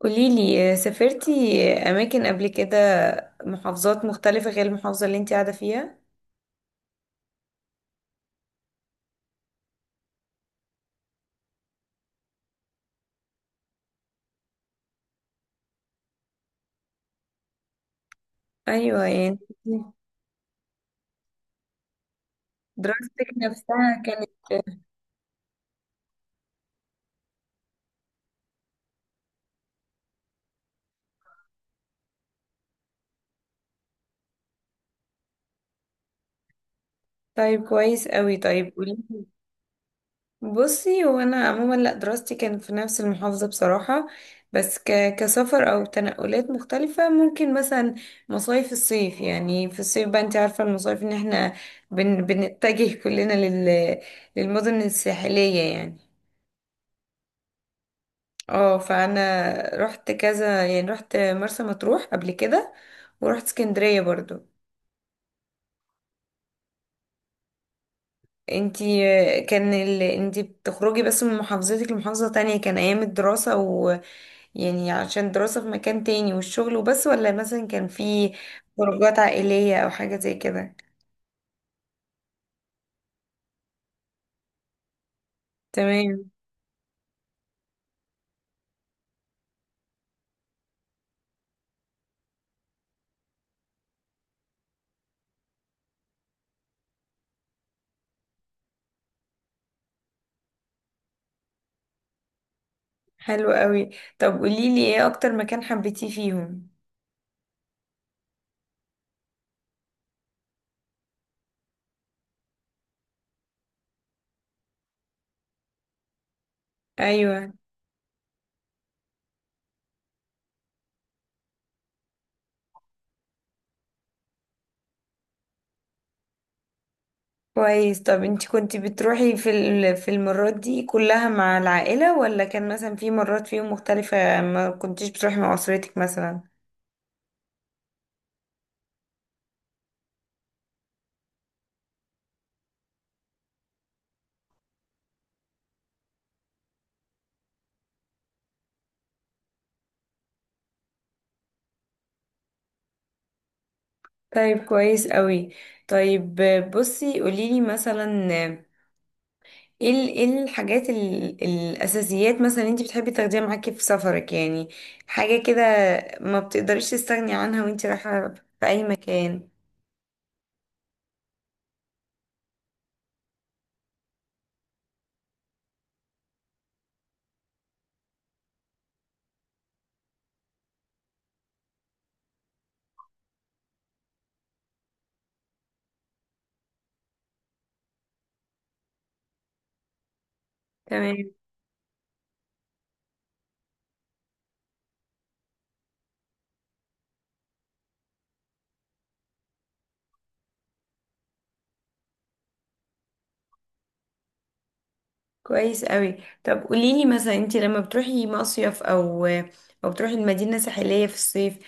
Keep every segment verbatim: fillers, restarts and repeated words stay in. قوليلي آه، سافرتي آه، أماكن قبل كده، محافظات مختلفة غير المحافظة اللي انتي قاعدة فيها؟ أيوة، يعني دراستك نفسها كانت. طيب، كويس قوي. طيب قوليلي. بصي، هو أنا عموما، لأ، دراستي كانت في نفس المحافظة بصراحة. بس ك... كسفر أو تنقلات مختلفة، ممكن مثلا مصايف الصيف، يعني في الصيف بقى، انتي عارفة المصايف ان احنا بن... بنتجه كلنا لل... للمدن الساحلية يعني. اه، فانا رحت كذا، يعني رحت مرسى مطروح قبل كده ورحت اسكندرية برضو. انتي؟ آه، كان ال... انتي بتخرجي بس من محافظتك لمحافظة تانية، كان ايام الدراسة ويعني عشان الدراسة في مكان تاني والشغل وبس، ولا مثلا كان في خروجات عائلية او حاجة زي كده؟ تمام، حلو قوي. طب قوليلي، ايه اكتر مكان حبيتيه فيهم؟ ايوه، كويس. طب انت كنت بتروحي في ال- في المرات دي كلها مع العائلة، ولا كان مثلا في مرات فيهم مختلفة ما كنتيش بتروحي مع أسرتك مثلا؟ طيب، كويس قوي. طيب بصي، قوليلي مثلا، ايه ال- ايه الحاجات ال- الأساسيات مثلا انت بتحبي تاخديها معاكي في سفرك، يعني حاجة كده ما بتقدريش تستغني عنها وانت رايحة في أي مكان؟ تمام، كويس قوي. طب قوليلي مثلا، انت لما بتروحي مصيف او او بتروحي المدينة ساحلية في الصيف،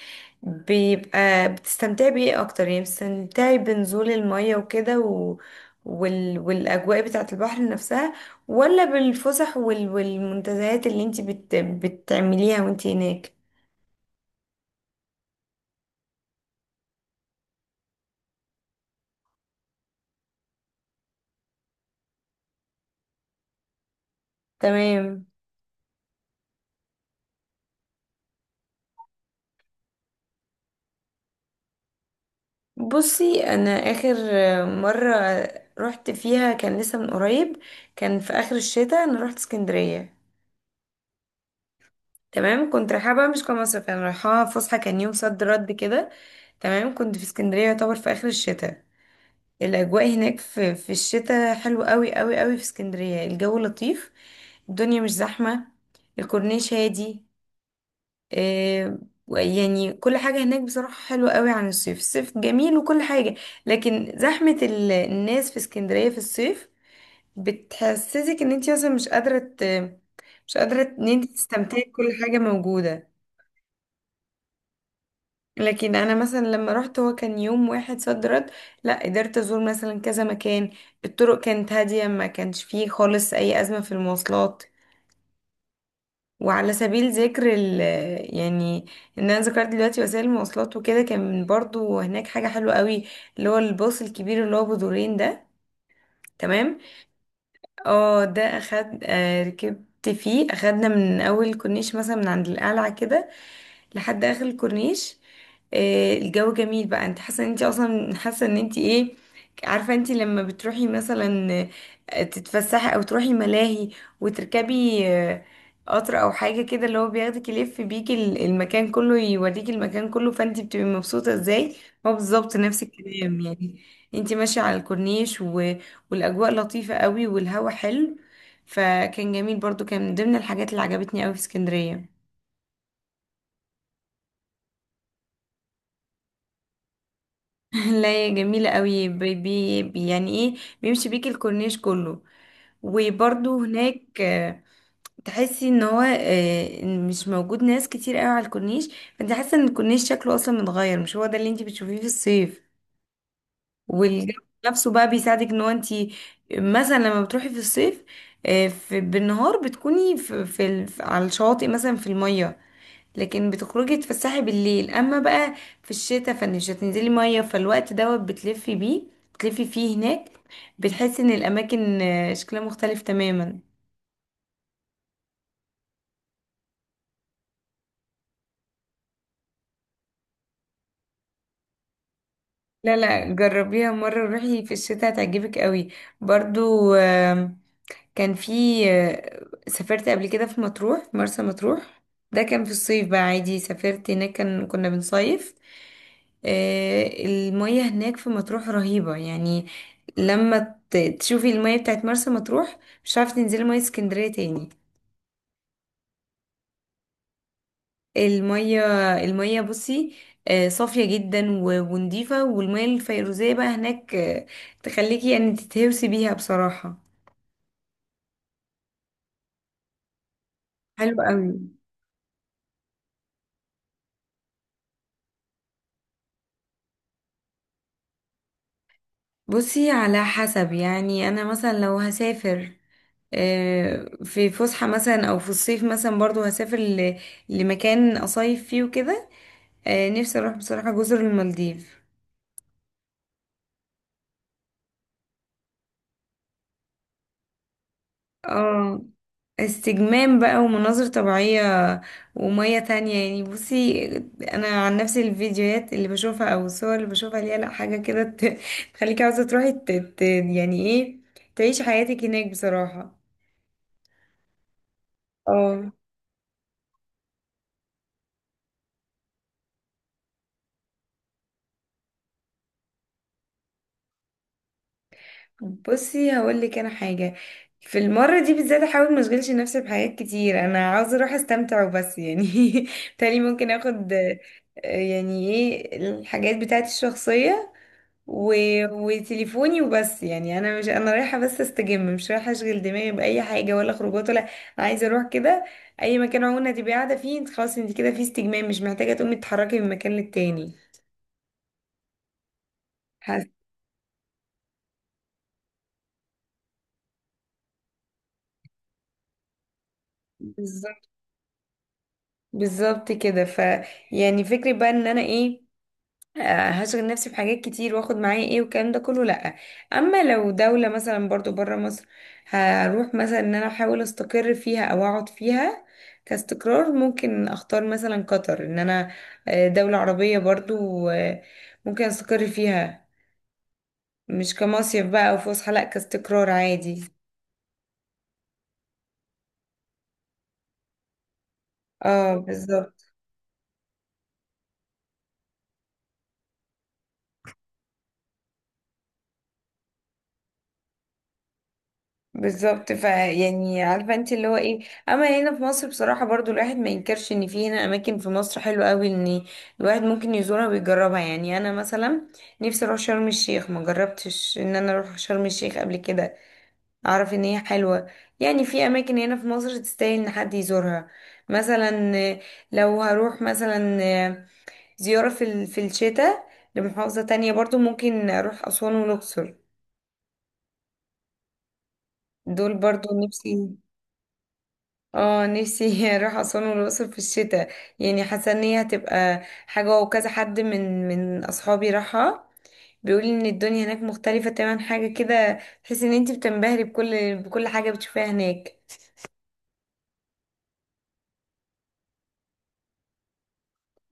بيبقى بتستمتعي بايه اكتر؟ يعني بتستمتعي بنزول المية وكده و... وال... والاجواء بتاعة البحر نفسها، ولا بالفسح وال... والمنتزهات اللي انت بت... بتعمليها وانت هناك؟ تمام. بصي، انا اخر مرة رحت فيها كان لسه من قريب، كان في اخر الشتاء انا رحت اسكندرية. تمام، كنت رايحة بقى مش كمصيف، يعني رايحة فسحة، كان يوم صد رد كده. تمام، كنت في اسكندرية يعتبر في آخر الشتاء. الأجواء هناك في, في الشتاء حلوة قوي قوي قوي، في اسكندرية الجو لطيف، الدنيا مش زحمة، الكورنيش هادي. آه يعني كل حاجة هناك بصراحة حلوة قوي عن الصيف، الصيف جميل وكل حاجة، لكن زحمة ال- الناس في اسكندرية في الصيف بتحسسك ان انت اصلا مش قادرة ت- مش قادرة ان انت تستمتعي بكل حاجة موجودة. لكن انا مثلا لما رحت، هو كان يوم واحد صد رد، لا قدرت ازور مثلا كذا مكان، الطرق كانت هادية، ما كانش فيه خالص اي ازمة في المواصلات. وعلى سبيل ذكر ال يعني ان انا ذكرت دلوقتي وسائل المواصلات وكده، كان برضو هناك حاجة حلوة قوي، اللي هو الباص الكبير اللي هو بدورين ده، تمام. اه، ده اخد، آه، ركبت فيه، اخدنا من اول الكورنيش مثلا من عند القلعة كده لحد اخر الكورنيش. آه، الجو جميل بقى، انت حاسه ان انت اصلا حاسه ان انت ايه، عارفه انت لما بتروحي مثلا آه، تتفسحي او تروحي ملاهي وتركبي آه، قطر او حاجه كده، اللي هو بياخدك يلف بيكي ال- المكان كله، يوريكي المكان كله، فانت بتبقي مبسوطه ازاي، هو بالظبط نفس الكلام يعني. انت ماشيه على الكورنيش والاجواء لطيفة قوي والهوا حلو، فكان جميل، برضو كان من ضمن الحاجات اللي عجبتني قوي في اسكندرية. لا، هي جميلة قوي، بي بي بي- يعني ايه، بيمشي بيك الكورنيش كله، وبرضو هناك آه، تحسي ان هو آه، مش موجود ناس كتير قوي على الكورنيش، فانت حاسة ان الكورنيش شكله اصلا متغير، مش هو ده اللي انت بتشوفيه في الصيف. والجو نفسه بقى بيساعدك، ان هو انت مثلا لما بتروحي في الصيف آه، في بالنهار بتكوني في, في ال- على الشواطئ مثلا في المية، لكن بتخرجي تتفسحي بالليل. اما بقى في الشتاء فمش هتنزلي مية، فالوقت دوت بتلفي بيه، بتلفي فيه هناك، بتحسي ان الاماكن آه، شكلها مختلف تماما. لا، لا، جربيها مرة، روحي في الشتاء هتعجبك قوي. برضو آم، كان في، آه، سافرت قبل كده في مطروح، في مرسى مطروح، ده كان في الصيف بقى عادي، سافرت هناك، كان كنا بنصيف. آه، المية هناك في مطروح رهيبة، يعني لما ت- تشوفي المية بتاعت مرسى مطروح، مش عارفة تنزلي مية اسكندرية تاني. المية المية بصي آه، صافية جدا و- ونضيفة، والمية الفيروزية بقى هناك، آه، تخليكي يعني تتهوسي بيها بصراحة. حلو قوي. بصي، على حسب، يعني انا مثلا لو هسافر آه، في فسحة مثلا او في الصيف مثلا، برضو هسافر ل- لمكان اصيف فيه وكده. آه، نفسي اروح بصراحة جزر المالديف. اه، استجمام بقى ومناظر طبيعية ومية تانية يعني. بصي انا عن نفسي، الفيديوهات اللي بشوفها او الصور اللي بشوفها ليها، لا حاجة كده ت- تخليكي عاوزة تروحي ت- ت- يعني ايه، تعيش حياتك هناك بصراحة. اه. بصي هقول لك انا حاجه، في المره دي بالذات احاول ما اشغلش نفسي بحاجات كتير، انا عاوزه اروح استمتع وبس يعني. تاني ممكن اخد آه، يعني ايه، الحاجات بتاعتي الشخصيه و... وتليفوني وبس، يعني انا مش، انا رايحه بس استجم، مش رايحه اشغل دماغي باي حاجه ولا خروجات، ولا أنا عايزه اروح كده. اي مكان عموما هتبقي قاعده فيه انت خلاص، انت كده في استجمام، مش محتاجه تقومي تتحركي من مكان للتاني حاسه. بالظبط، بالظبط كده، ف، يعني فكرة بقى ان انا ايه، آه، هشغل نفسي بحاجات كتير واخد معايا ايه والكلام ده كله؟ لأ. اما لو دولة مثلا برضو برا مصر، هروح مثلا ان انا احاول استقر فيها او اقعد فيها كاستقرار، ممكن اختار مثلا قطر، ان انا آه، دولة عربية برضو، آه، ممكن استقر فيها، مش كمصيف بقى او فسحة، لأ، كاستقرار عادي. اه بالظبط، بالظبط، فيعني عارفه انت اللي هو ايه، اما هنا في مصر بصراحه، برضو الواحد ما ينكرش ان في هنا اماكن في مصر حلوه قوي ان الواحد ممكن يزورها ويجربها. يعني انا مثلا نفسي اروح شرم الشيخ، ما جربتش ان انا اروح شرم الشيخ قبل كده، اعرف ان هي حلوه. يعني في اماكن هنا في مصر تستاهل ان حد يزورها، مثلا آه، لو هروح مثلا آه، زياره في ال- في الشتاء لمحافظه تانية، برضو ممكن اروح اسوان والاقصر، دول برضو نفسي. اه، نفسي اروح اسوان والاقصر في الشتاء. يعني حاسه ان هي هتبقى حاجه، وكذا حد من من اصحابي راحها بيقول ان الدنيا هناك مختلفه تماما، حاجه كده تحس ان انت بتنبهري بكل بكل حاجه بتشوفيها هناك.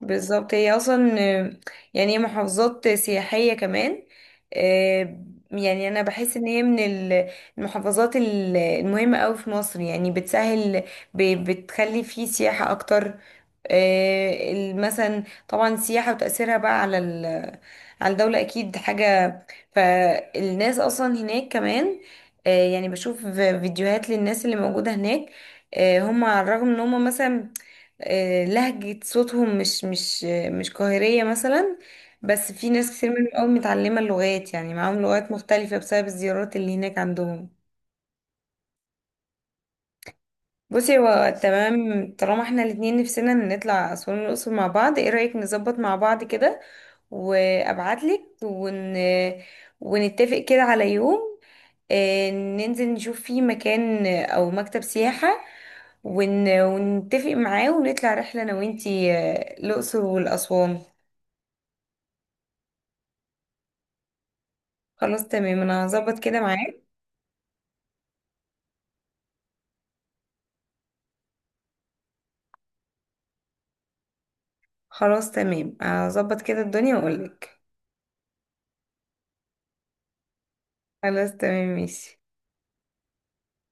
بالظبط، هي اصلا آه، يعني هي محافظات سياحية كمان. آه، يعني انا بحس ان هي من ال- المحافظات ال- المهمة قوي في مصر، يعني بتسهل، ب- بتخلي فيه سياحة اكتر. آه، ال- مثلا طبعا السياحة وتأثيرها بقى على ال على الدولة أكيد حاجة. فالناس أصلا هناك كمان آه، يعني بشوف فيديوهات للناس اللي موجودة هناك. آه، هم على الرغم إن هم مثلا آه، لهجة صوتهم مش مش آه، مش قاهرية مثلا، بس في ناس كتير منهم قوي متعلمة اللغات، يعني معاهم لغات مختلفة بسبب الزيارات اللي هناك عندهم. بصي، هو تمام، طالما احنا الاتنين نفسنا نطلع أسوان والأقصر مع بعض، ايه رأيك نظبط مع بعض كده وأبعتلك، ون... ونتفق كده على يوم آه، ننزل نشوف فيه مكان أو مكتب سياحة، ون... ونتفق معاه ونطلع رحلة أنا وإنتي آه، الأقصر والأسوان. خلاص تمام، انا هظبط كده معاك. خلاص تمام، هظبط كده الدنيا واقولك. خلاص تمام ماشي.